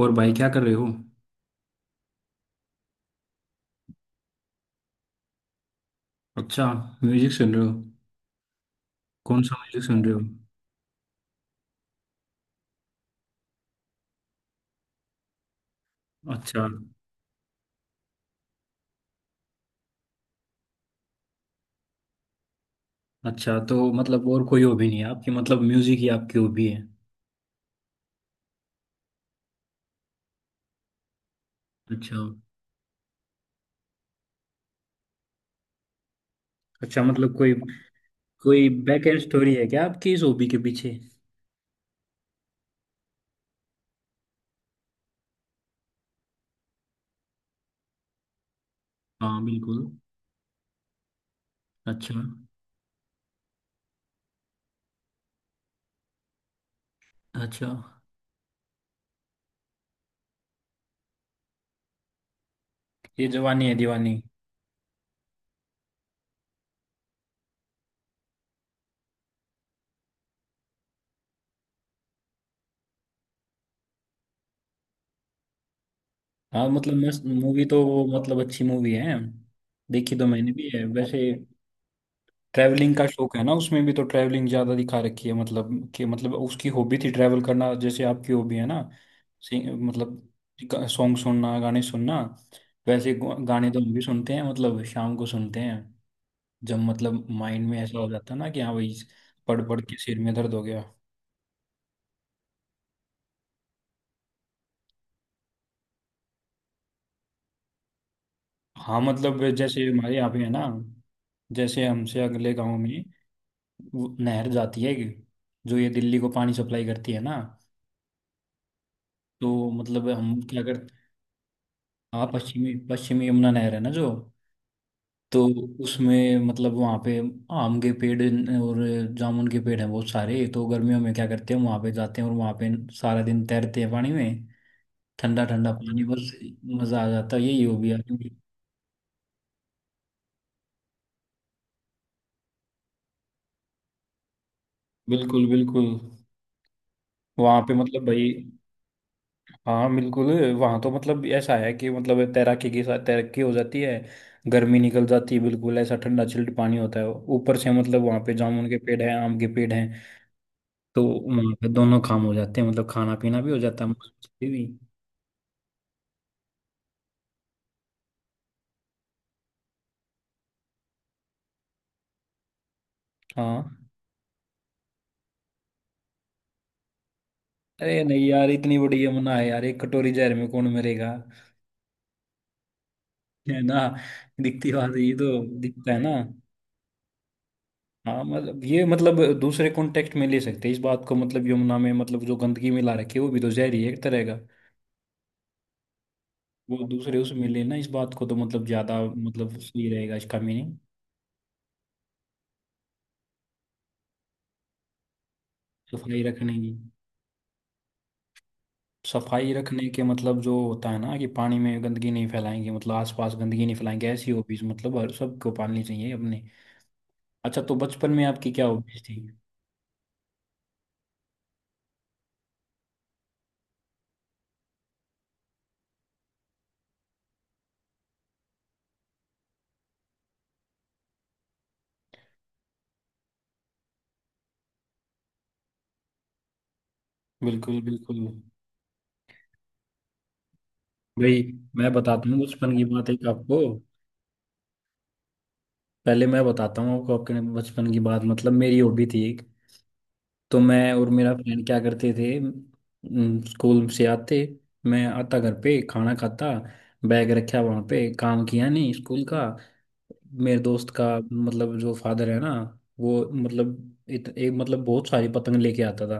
और भाई क्या कर रहे हो। अच्छा, म्यूजिक सुन रहे हो। कौन सा म्यूजिक सुन रहे हो। अच्छा। अच्छा तो मतलब और कोई हॉबी नहीं है आपकी, मतलब म्यूजिक ही आपकी हॉबी है। अच्छा। अच्छा मतलब कोई कोई बैक एंड स्टोरी है क्या आपकी इस हॉबी के पीछे। हाँ बिल्कुल। अच्छा। अच्छा। ये जवानी है दीवानी। हाँ मतलब मस्त मूवी, तो वो मतलब अच्छी मूवी है। देखी तो मैंने भी है वैसे। ट्रैवलिंग का शौक है ना, उसमें भी तो ट्रैवलिंग ज्यादा दिखा रखी है, मतलब कि मतलब उसकी हॉबी थी ट्रैवल करना, जैसे आपकी हॉबी है ना। सिंग मतलब सॉन्ग सुनना, गाने सुनना। वैसे गाने तो हम भी सुनते हैं, मतलब शाम को सुनते हैं। जब मतलब माइंड में ऐसा हो जाता है ना कि हाँ भाई, पढ़ पढ़ के सिर में दर्द हो गया। हाँ मतलब जैसे हमारे यहाँ पे है ना, जैसे हमसे अगले गांव में वो नहर जाती है एक, जो ये दिल्ली को पानी सप्लाई करती है ना, तो मतलब हम क्या करते। हाँ पश्चिमी पश्चिमी यमुना नहर है ना जो। तो उसमें मतलब वहाँ पे आम के पेड़ और जामुन के पेड़ हैं बहुत सारे, तो गर्मियों में क्या करते हैं, वहाँ पे जाते हैं और वहाँ पे सारा दिन तैरते हैं पानी में। ठंडा ठंडा पानी, बस मज़ा आ जाता है, यही हो गया। बिल्कुल बिल्कुल। वहाँ पे मतलब भाई, हाँ बिल्कुल, वहाँ तो मतलब ऐसा है कि मतलब तैराकी के साथ तैराकी हो जाती है, गर्मी निकल जाती है। बिल्कुल ऐसा ठंडा चिल्ड पानी होता है, ऊपर से मतलब वहाँ पे जामुन के पेड़ हैं, आम के पेड़ हैं, तो वहाँ पे दोनों काम हो जाते हैं, मतलब खाना पीना भी हो जाता है, मस्ती भी। हाँ, अरे नहीं यार, इतनी बड़ी यमुना है यार, एक कटोरी जहर में कौन मरेगा, है ना। दिखती बात ये तो, दिखता है ना। हाँ मतलब ये मतलब दूसरे कॉन्टेक्स्ट में ले सकते हैं इस बात को, मतलब यमुना में मतलब जो गंदगी मिला रखी है वो भी तो जहर ही है एक तरह का। वो दूसरे उसमें लेना इस बात को तो मतलब ज्यादा मतलब सही रहेगा इसका मीनिंग। सफाई रखने की, सफाई रखने के मतलब जो होता है ना कि पानी में गंदगी नहीं फैलाएंगे, मतलब आसपास गंदगी नहीं फैलाएंगे, ऐसी हॉबीज मतलब हर सबको पालनी चाहिए अपने। अच्छा तो बचपन में आपकी क्या हॉबीज थी। बिल्कुल बिल्कुल। भाई मैं बताता हूँ बचपन की बात एक आपको, पहले मैं बताता हूँ आपको अपने बचपन की बात, मतलब मेरी हॉबी थी एक। तो मैं और मेरा फ्रेंड क्या करते थे स्कूल से आते, मैं आता घर पे खाना खाता, बैग रखा, वहाँ पे काम किया नहीं स्कूल का। मेरे दोस्त का मतलब जो फादर है ना, वो मतलब एक मतलब बहुत सारी पतंग लेके आता था,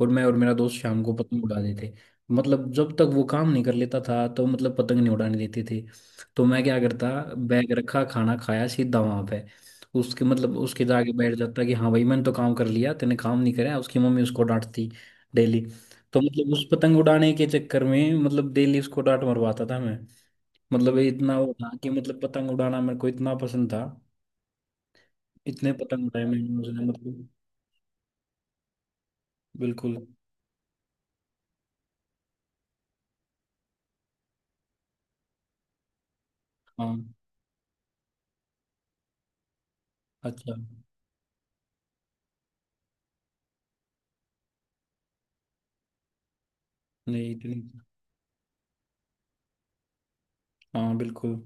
और मैं और मेरा दोस्त शाम को पतंग उड़ाते थे। मतलब जब तक वो काम नहीं कर लेता था तो मतलब पतंग नहीं उड़ाने देते थे। तो मैं क्या करता, बैग रखा, खाना खाया, सीधा वहां पे उसके मतलब उसके जाके बैठ जाता कि हाँ भाई मैंने तो काम कर लिया, तेने काम नहीं करा, उसकी मम्मी उसको डांटती डेली। तो मतलब उस पतंग उड़ाने के चक्कर में मतलब डेली उसको डांट मरवाता था। मतलब ये इतना वो था कि मतलब पतंग उड़ाना मेरे को इतना पसंद था, इतने पतंग उड़ाए मैंने उसने मतलब। बिल्कुल। हाँ। अच्छा। नहीं इतनी। हाँ बिल्कुल।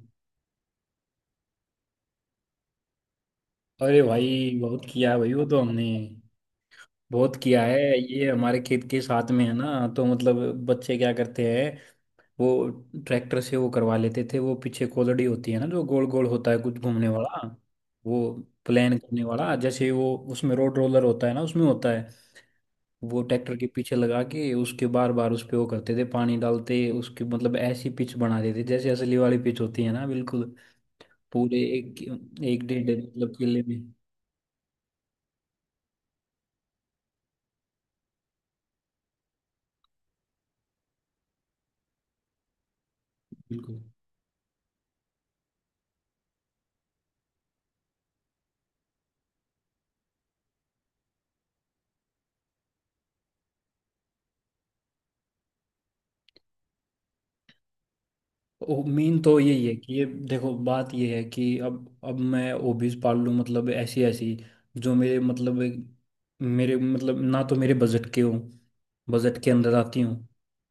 अरे भाई बहुत किया है भाई वो तो हमने, बहुत किया है, ये हमारे खेत के साथ में है ना, तो मतलब बच्चे क्या करते हैं वो ट्रैक्टर से वो करवा लेते थे। वो पीछे कोलड़ी होती है ना, जो गोल गोल होता है, कुछ घूमने वाला, वो प्लान करने वाला, जैसे वो उसमें रोड रोलर होता है ना, उसमें होता है वो। ट्रैक्टर के पीछे लगा के उसके बार बार उस पे वो करते थे, पानी डालते उसके, मतलब ऐसी पिच बना देते जैसे असली वाली पिच होती है ना बिल्कुल। पूरे एक, एक डेढ़ मतलब किले में। बिल्कुल मीन तो यही है कि ये देखो बात ये है कि अब मैं हॉबीज पाल लूँ मतलब ऐसी ऐसी जो मेरे मतलब, मेरे मतलब ना तो मेरे बजट के हों, बजट के अंदर आती हूँ,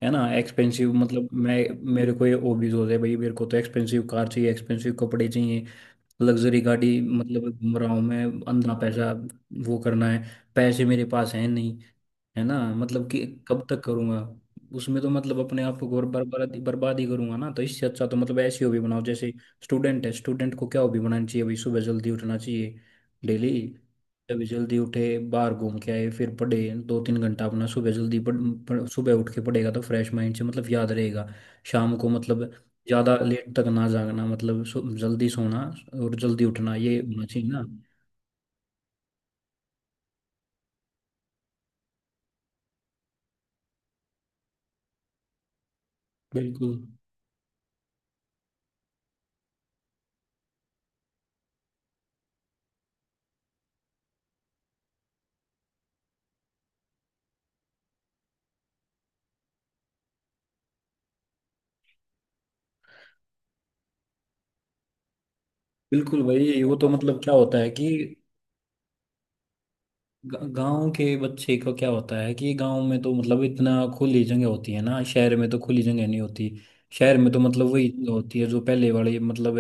है ना एक्सपेंसिव, मतलब मैं, मेरे को ये हॉबीज हो जाए भाई मेरे को तो एक्सपेंसिव कार चाहिए, एक्सपेंसिव कपड़े चाहिए, लग्जरी गाड़ी मतलब घूम रहा हूँ मैं, अंदना पैसा वो करना है, पैसे मेरे पास है नहीं, है ना, मतलब कि कब तक करूँगा। उसमें तो मतलब अपने आप को और बर्बाद बर्बाद ही करूंगा ना, तो इससे अच्छा तो मतलब ऐसी हॉबी बनाओ, जैसे स्टूडेंट है, स्टूडेंट को क्या हॉबी बनानी चाहिए भाई, सुबह जल्दी उठना चाहिए डेली। सुबह जल्दी उठे, बाहर घूम के आए, फिर पढ़े, दो तीन घंटा अपना सुबह जल्दी पढ़, पढ़, सुबह उठ के पढ़ेगा तो फ्रेश माइंड से मतलब याद रहेगा। शाम को मतलब ज़्यादा लेट तक ना जागना, मतलब सो, जल्दी सोना और जल्दी उठना, ये होना चाहिए ना। बिल्कुल बिल्कुल भाई, वो तो मतलब क्या होता है कि गांव के बच्चे का क्या होता है कि गांव में तो मतलब इतना खुली जगह होती है ना, शहर में तो खुली जगह नहीं होती। शहर में तो मतलब वही जगह होती है जो पहले वाली मतलब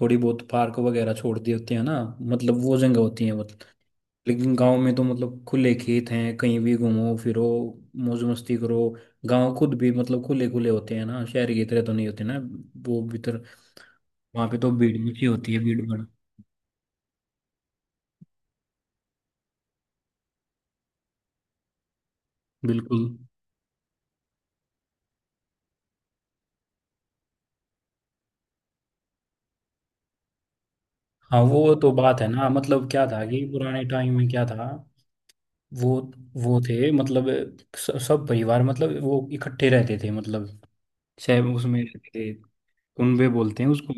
थोड़ी बहुत पार्क वगैरह छोड़ दी होती है ना, मतलब वो जगह होती है। लेकिन गांव में तो मतलब खुले खेत हैं, कहीं भी घूमो फिरो, मौज मस्ती करो। गांव खुद भी मतलब खुले खुले होते हैं ना, शहर की तरह तो नहीं होते ना वो भीतर। वहां पे तो भीड़ मची होती है, भीड़ भाड़। बिल्कुल। हाँ वो तो बात है ना, मतलब क्या था कि पुराने टाइम में क्या था वो वो थे मतलब सब परिवार मतलब वो इकट्ठे रहते थे, मतलब शहर उसमें रहते थे, कुनबे बोलते हैं उसको।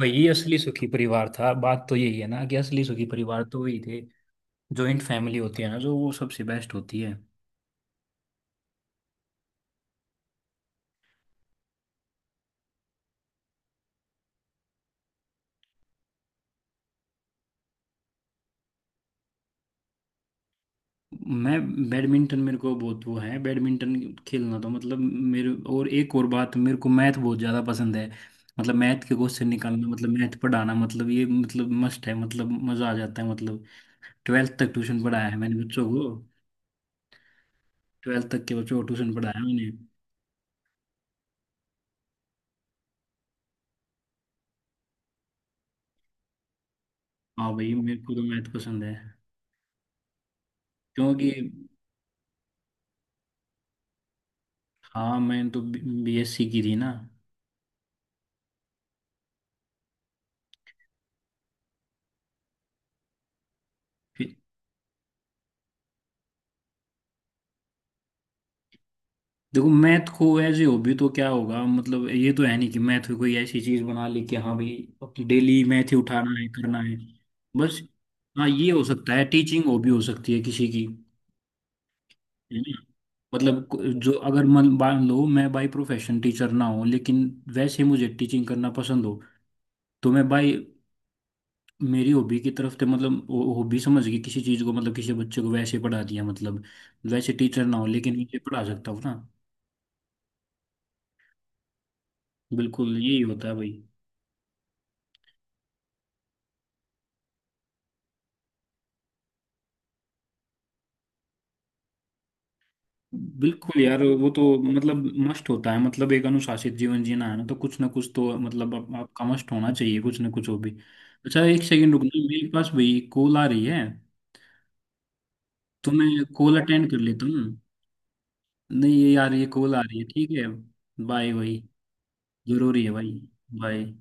वही असली सुखी परिवार था, बात तो यही है ना कि असली सुखी परिवार तो वही थे। जॉइंट फैमिली होती है ना जो, वो सबसे बेस्ट होती है। मैं बैडमिंटन, मेरे को बहुत वो है बैडमिंटन खेलना तो मतलब मेरे। और एक और बात, मेरे को मैथ बहुत ज़्यादा पसंद है। मतलब मैथ के क्वेश्चन निकालना, मतलब मैथ पढ़ाना, मतलब ये मतलब मस्ट है, मतलब मज़ा आ जाता है मतलब। ट्वेल्थ तक ट्यूशन पढ़ाया है मैंने बच्चों को, ट्वेल्थ तक के बच्चों को ट्यूशन पढ़ाया है मैंने। हाँ भाई मेरे को तो मैथ पसंद है। क्योंकि हाँ, मैंने तो BSc की थी ना। देखो मैथ को ऐसे हॉबी तो क्या होगा, मतलब ये तो है नहीं कि मैथ को कोई ऐसी चीज बना ली कि हाँ भाई डेली मैथ ही उठाना है, करना है। बस हाँ, ये हो सकता है, टीचिंग हॉबी हो सकती है किसी की, है ना। मतलब जो अगर मन मान लो मैं बाई प्रोफेशन टीचर ना हूँ, लेकिन वैसे मुझे टीचिंग करना पसंद हो, तो मैं भाई मेरी हॉबी की तरफ से मतलब हॉबी समझ के किसी चीज को मतलब किसी बच्चे को वैसे पढ़ा दिया, मतलब वैसे टीचर ना हो लेकिन मुझे पढ़ा सकता हूँ ना। बिल्कुल यही होता है भाई। बिल्कुल यार वो तो मतलब मस्ट होता है, मतलब एक अनुशासित जीवन जीना है ना, तो कुछ ना कुछ तो मतलब आप, आपका मस्ट होना चाहिए कुछ ना कुछ हो भी। अच्छा एक सेकंड रुकना, मेरे पास भाई कॉल आ रही है, तो मैं कॉल अटेंड कर लेता हूँ। नहीं ये यार ये कॉल आ रही है, ठीक है, बाय भाई। जरूरी है भाई। बाय।